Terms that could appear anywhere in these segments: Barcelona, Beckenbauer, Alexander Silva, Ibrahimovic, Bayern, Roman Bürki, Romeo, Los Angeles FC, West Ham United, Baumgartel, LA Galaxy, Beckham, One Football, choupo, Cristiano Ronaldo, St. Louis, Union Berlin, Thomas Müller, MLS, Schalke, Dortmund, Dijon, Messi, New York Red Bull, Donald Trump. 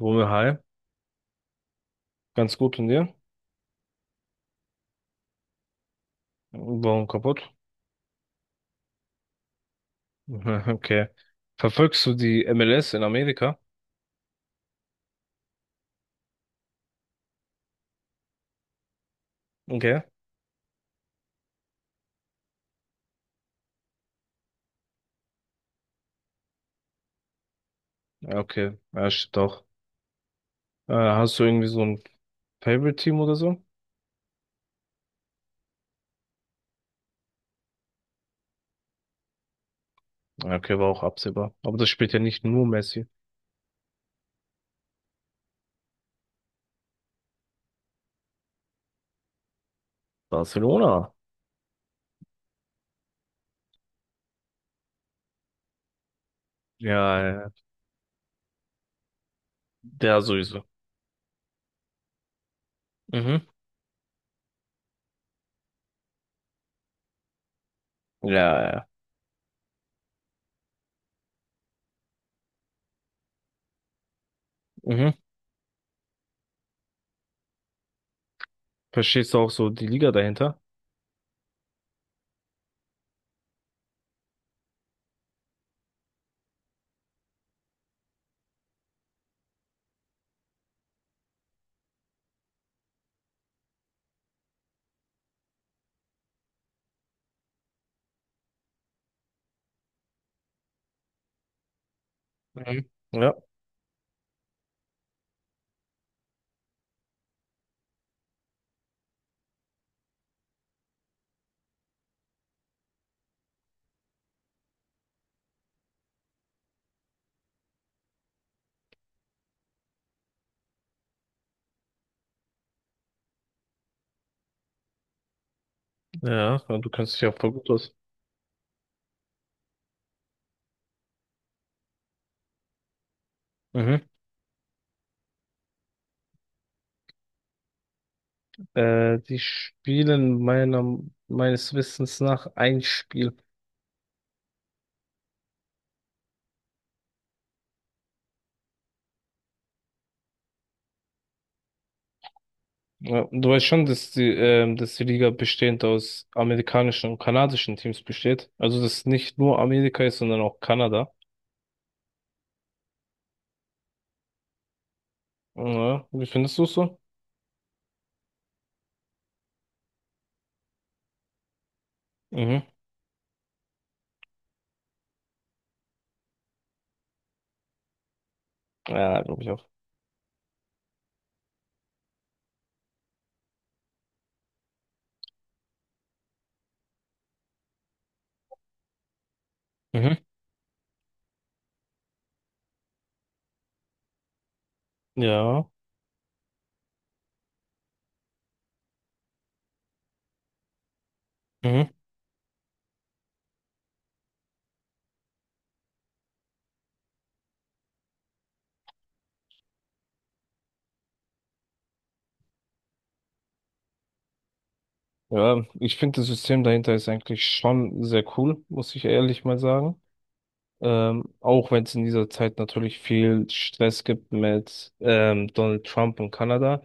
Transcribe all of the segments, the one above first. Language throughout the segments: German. Romeo, hi. Ganz gut und dir? Warum kaputt? Okay. Verfolgst du die MLS in Amerika? Okay. Ja, okay. Ja, shit, doch. Hast du irgendwie so ein Favorite-Team oder so? Ja, okay, war auch absehbar. Aber das spielt ja nicht nur Messi. Barcelona. Ja, ja, ja. Der sowieso. Mhm. Ja, ja, ja. Mhm. Verstehst du auch so die Liga dahinter? Mhm. Ja, ja, du kannst dich ja voll gut aus. Mhm. Die spielen meines Wissens nach ein Spiel. Ja, du weißt schon, dass die Liga bestehend aus amerikanischen und kanadischen Teams besteht. Also, dass nicht nur Amerika ist, sondern auch Kanada. Ja, wie findest du es so? Mhm. Ja, glaube ich auch. Mhm. Ja. Mhm. Ja, ich finde das System dahinter ist eigentlich schon sehr cool, muss ich ehrlich mal sagen. Auch wenn es in dieser Zeit natürlich viel Stress gibt mit Donald Trump und Kanada,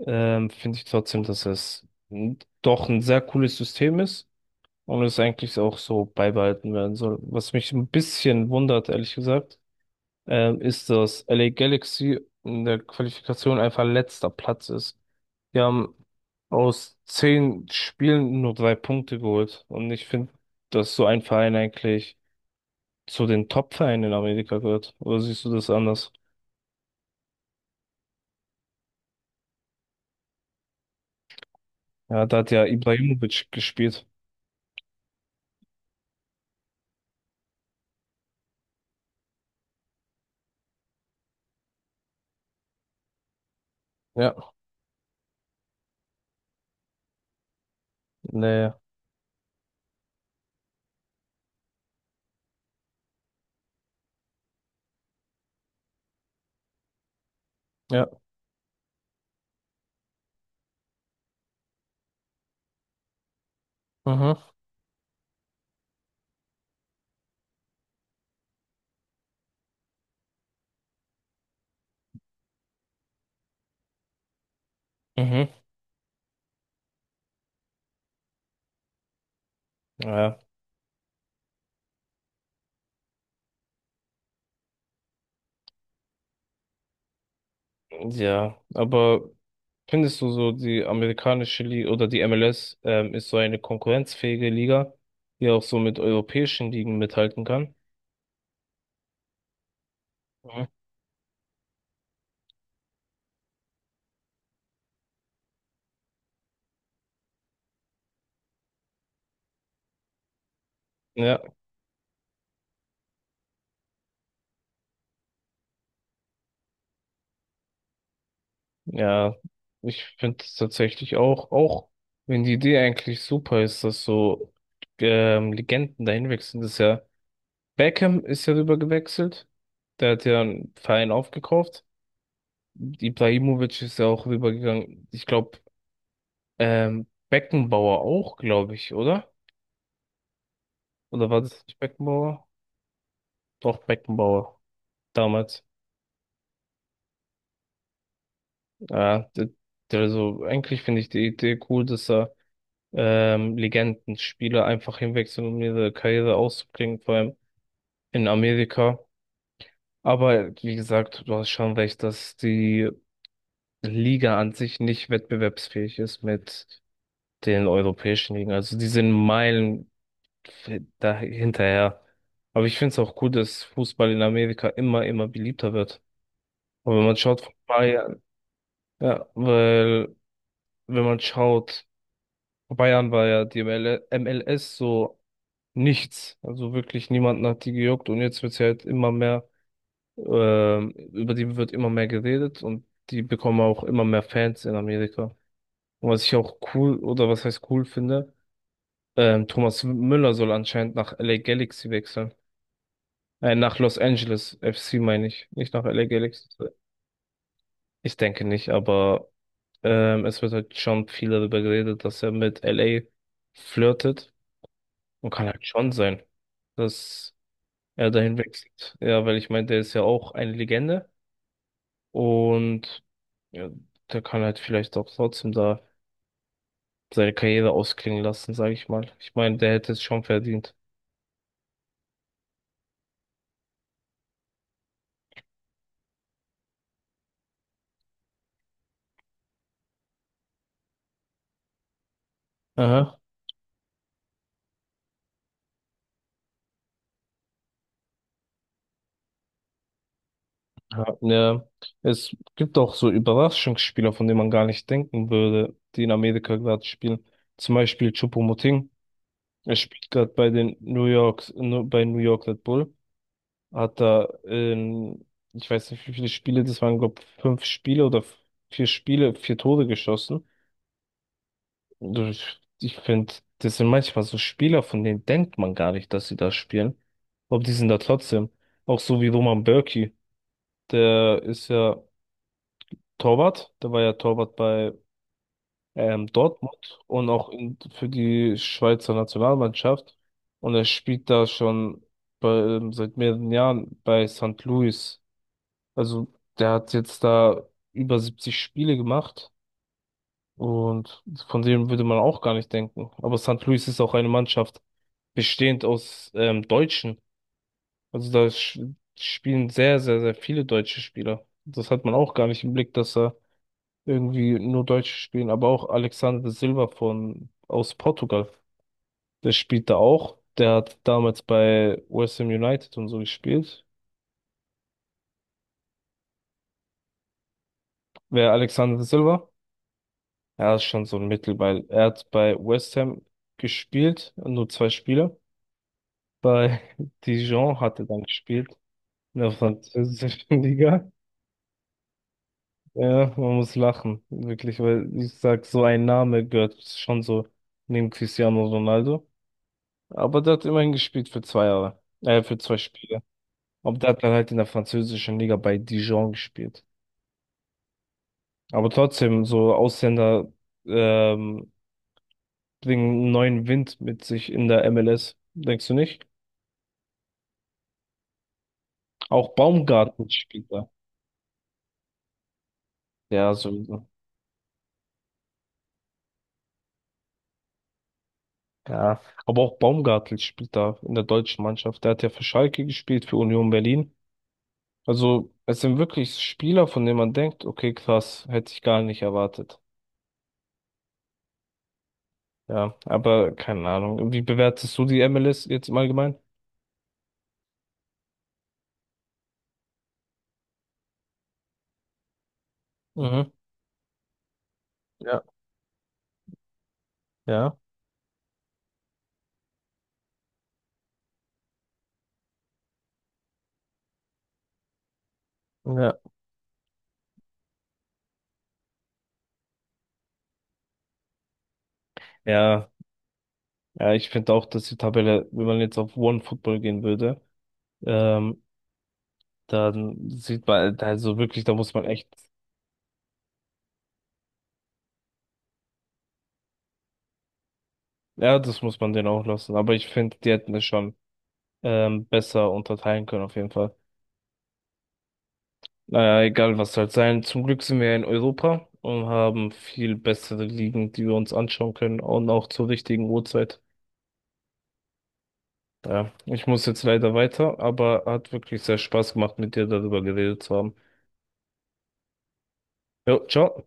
finde ich trotzdem, dass es doch ein sehr cooles System ist und es eigentlich auch so beibehalten werden soll. Was mich ein bisschen wundert, ehrlich gesagt, ist, dass LA Galaxy in der Qualifikation einfach letzter Platz ist. Die haben aus 10 Spielen nur drei Punkte geholt. Und ich finde, dass so ein Verein eigentlich zu den Top-Vereinen in Amerika gehört. Oder siehst du das anders? Ja, da hat ja Ibrahimovic gespielt. Ja, nee, ja. Mhm. Mhm. Ja. Ja, aber findest du so, die amerikanische Liga oder die MLS, ist so eine konkurrenzfähige Liga, die auch so mit europäischen Ligen mithalten kann? Mhm. Ja, ja, ich finde es tatsächlich auch, auch wenn die Idee eigentlich super ist, dass so Legenden dahin wechseln, das ist ja, Beckham ist ja rüber gewechselt, der hat ja einen Verein aufgekauft, Ibrahimovic ist ja auch rübergegangen, ich glaube, Beckenbauer auch, glaube ich, oder? Oder war das nicht Beckenbauer? Doch, Beckenbauer. Damals. Ja, also eigentlich finde ich die Idee cool, dass er Legendenspieler einfach hinwechseln um ihre Karriere auszubringen, vor allem in Amerika. Aber wie gesagt, du hast schon recht, dass die Liga an sich nicht wettbewerbsfähig ist mit den europäischen Ligen. Also die sind Meilen da hinterher. Aber ich finde es auch cool, dass Fußball in Amerika immer, immer beliebter wird. Und wenn man schaut, vor ein paar Jahren, ja, weil, wenn man schaut, vor Bayern war ja die ML MLS so nichts. Also wirklich niemanden hat die gejuckt und jetzt wird sie halt immer mehr, über die wird immer mehr geredet und die bekommen auch immer mehr Fans in Amerika. Und was ich auch cool oder was heißt cool finde, Thomas Müller soll anscheinend nach LA Galaxy wechseln. Nach Los Angeles FC meine ich, nicht nach LA Galaxy. Ich denke nicht, aber es wird halt schon viel darüber geredet, dass er mit LA flirtet und kann halt schon sein, dass er dahin wechselt. Ja, weil ich meine, der ist ja auch eine Legende und ja, der kann halt vielleicht auch trotzdem da seine Karriere ausklingen lassen, sage ich mal. Ich meine, der hätte es schon verdient. Aha. Ja, ja. Es gibt auch so Überraschungsspieler, von denen man gar nicht denken würde, die in Amerika gerade spielen. Zum Beispiel Choupo. Er spielt gerade bei bei New York Red Bull. Hat da, ich weiß nicht, wie viele Spiele, das waren, glaube ich, fünf Spiele oder vier Spiele, vier Tore geschossen. Und ich finde, das sind manchmal so Spieler, von denen denkt man gar nicht, dass sie da spielen. Aber die sind da trotzdem. Auch so wie Roman Bürki. Der ist ja Torwart. Der war ja Torwart bei Dortmund und auch für die Schweizer Nationalmannschaft. Und er spielt da schon seit mehreren Jahren bei St. Louis. Also der hat jetzt da über 70 Spiele gemacht und von dem würde man auch gar nicht denken. Aber St. Louis ist auch eine Mannschaft bestehend aus Deutschen. Also da spielen sehr, sehr, sehr viele deutsche Spieler. Das hat man auch gar nicht im Blick, dass er irgendwie nur Deutsche spielen, aber auch Alexander Silva von aus Portugal. Der spielt da auch. Der hat damals bei West Ham United und so gespielt. Wer Alexander Silva? Er ist schon so ein Mittelball. Er hat bei West Ham gespielt, nur zwei Spiele. Bei Dijon hat er dann gespielt, in der französischen Liga. Ja, man muss lachen, wirklich, weil ich sag, so ein Name gehört schon so neben Cristiano Ronaldo. Aber der hat immerhin gespielt für 2 Jahre. Für zwei Spiele. Aber der hat dann halt in der französischen Liga bei Dijon gespielt. Aber trotzdem, so Ausländer ähm, bringen einen neuen Wind mit sich in der MLS. Denkst du nicht? Auch Baumgartel spielt da. Ja, sowieso. Ja. Aber auch Baumgartel spielt da in der deutschen Mannschaft. Der hat ja für Schalke gespielt, für Union Berlin. Also, es sind wirklich Spieler, von denen man denkt, okay, krass, hätte ich gar nicht erwartet. Ja, aber keine Ahnung. Wie bewertest du die MLS jetzt im Allgemeinen? Mhm. Ja, ja, ja. Ja, ja, ich finde auch, dass die Tabelle, wenn man jetzt auf One Football gehen würde, ähm, dann sieht man, also wirklich, da muss man echt, ja, das muss man denen auch lassen. Aber ich finde, die hätten es schon besser unterteilen können, auf jeden Fall. Naja, egal was halt sein. Zum Glück sind wir ja in Europa und haben viel bessere Ligen, die wir uns anschauen können und auch zur richtigen Uhrzeit. Ja, ich muss jetzt leider weiter, aber hat wirklich sehr Spaß gemacht, mit dir darüber geredet zu haben. Jo, ciao.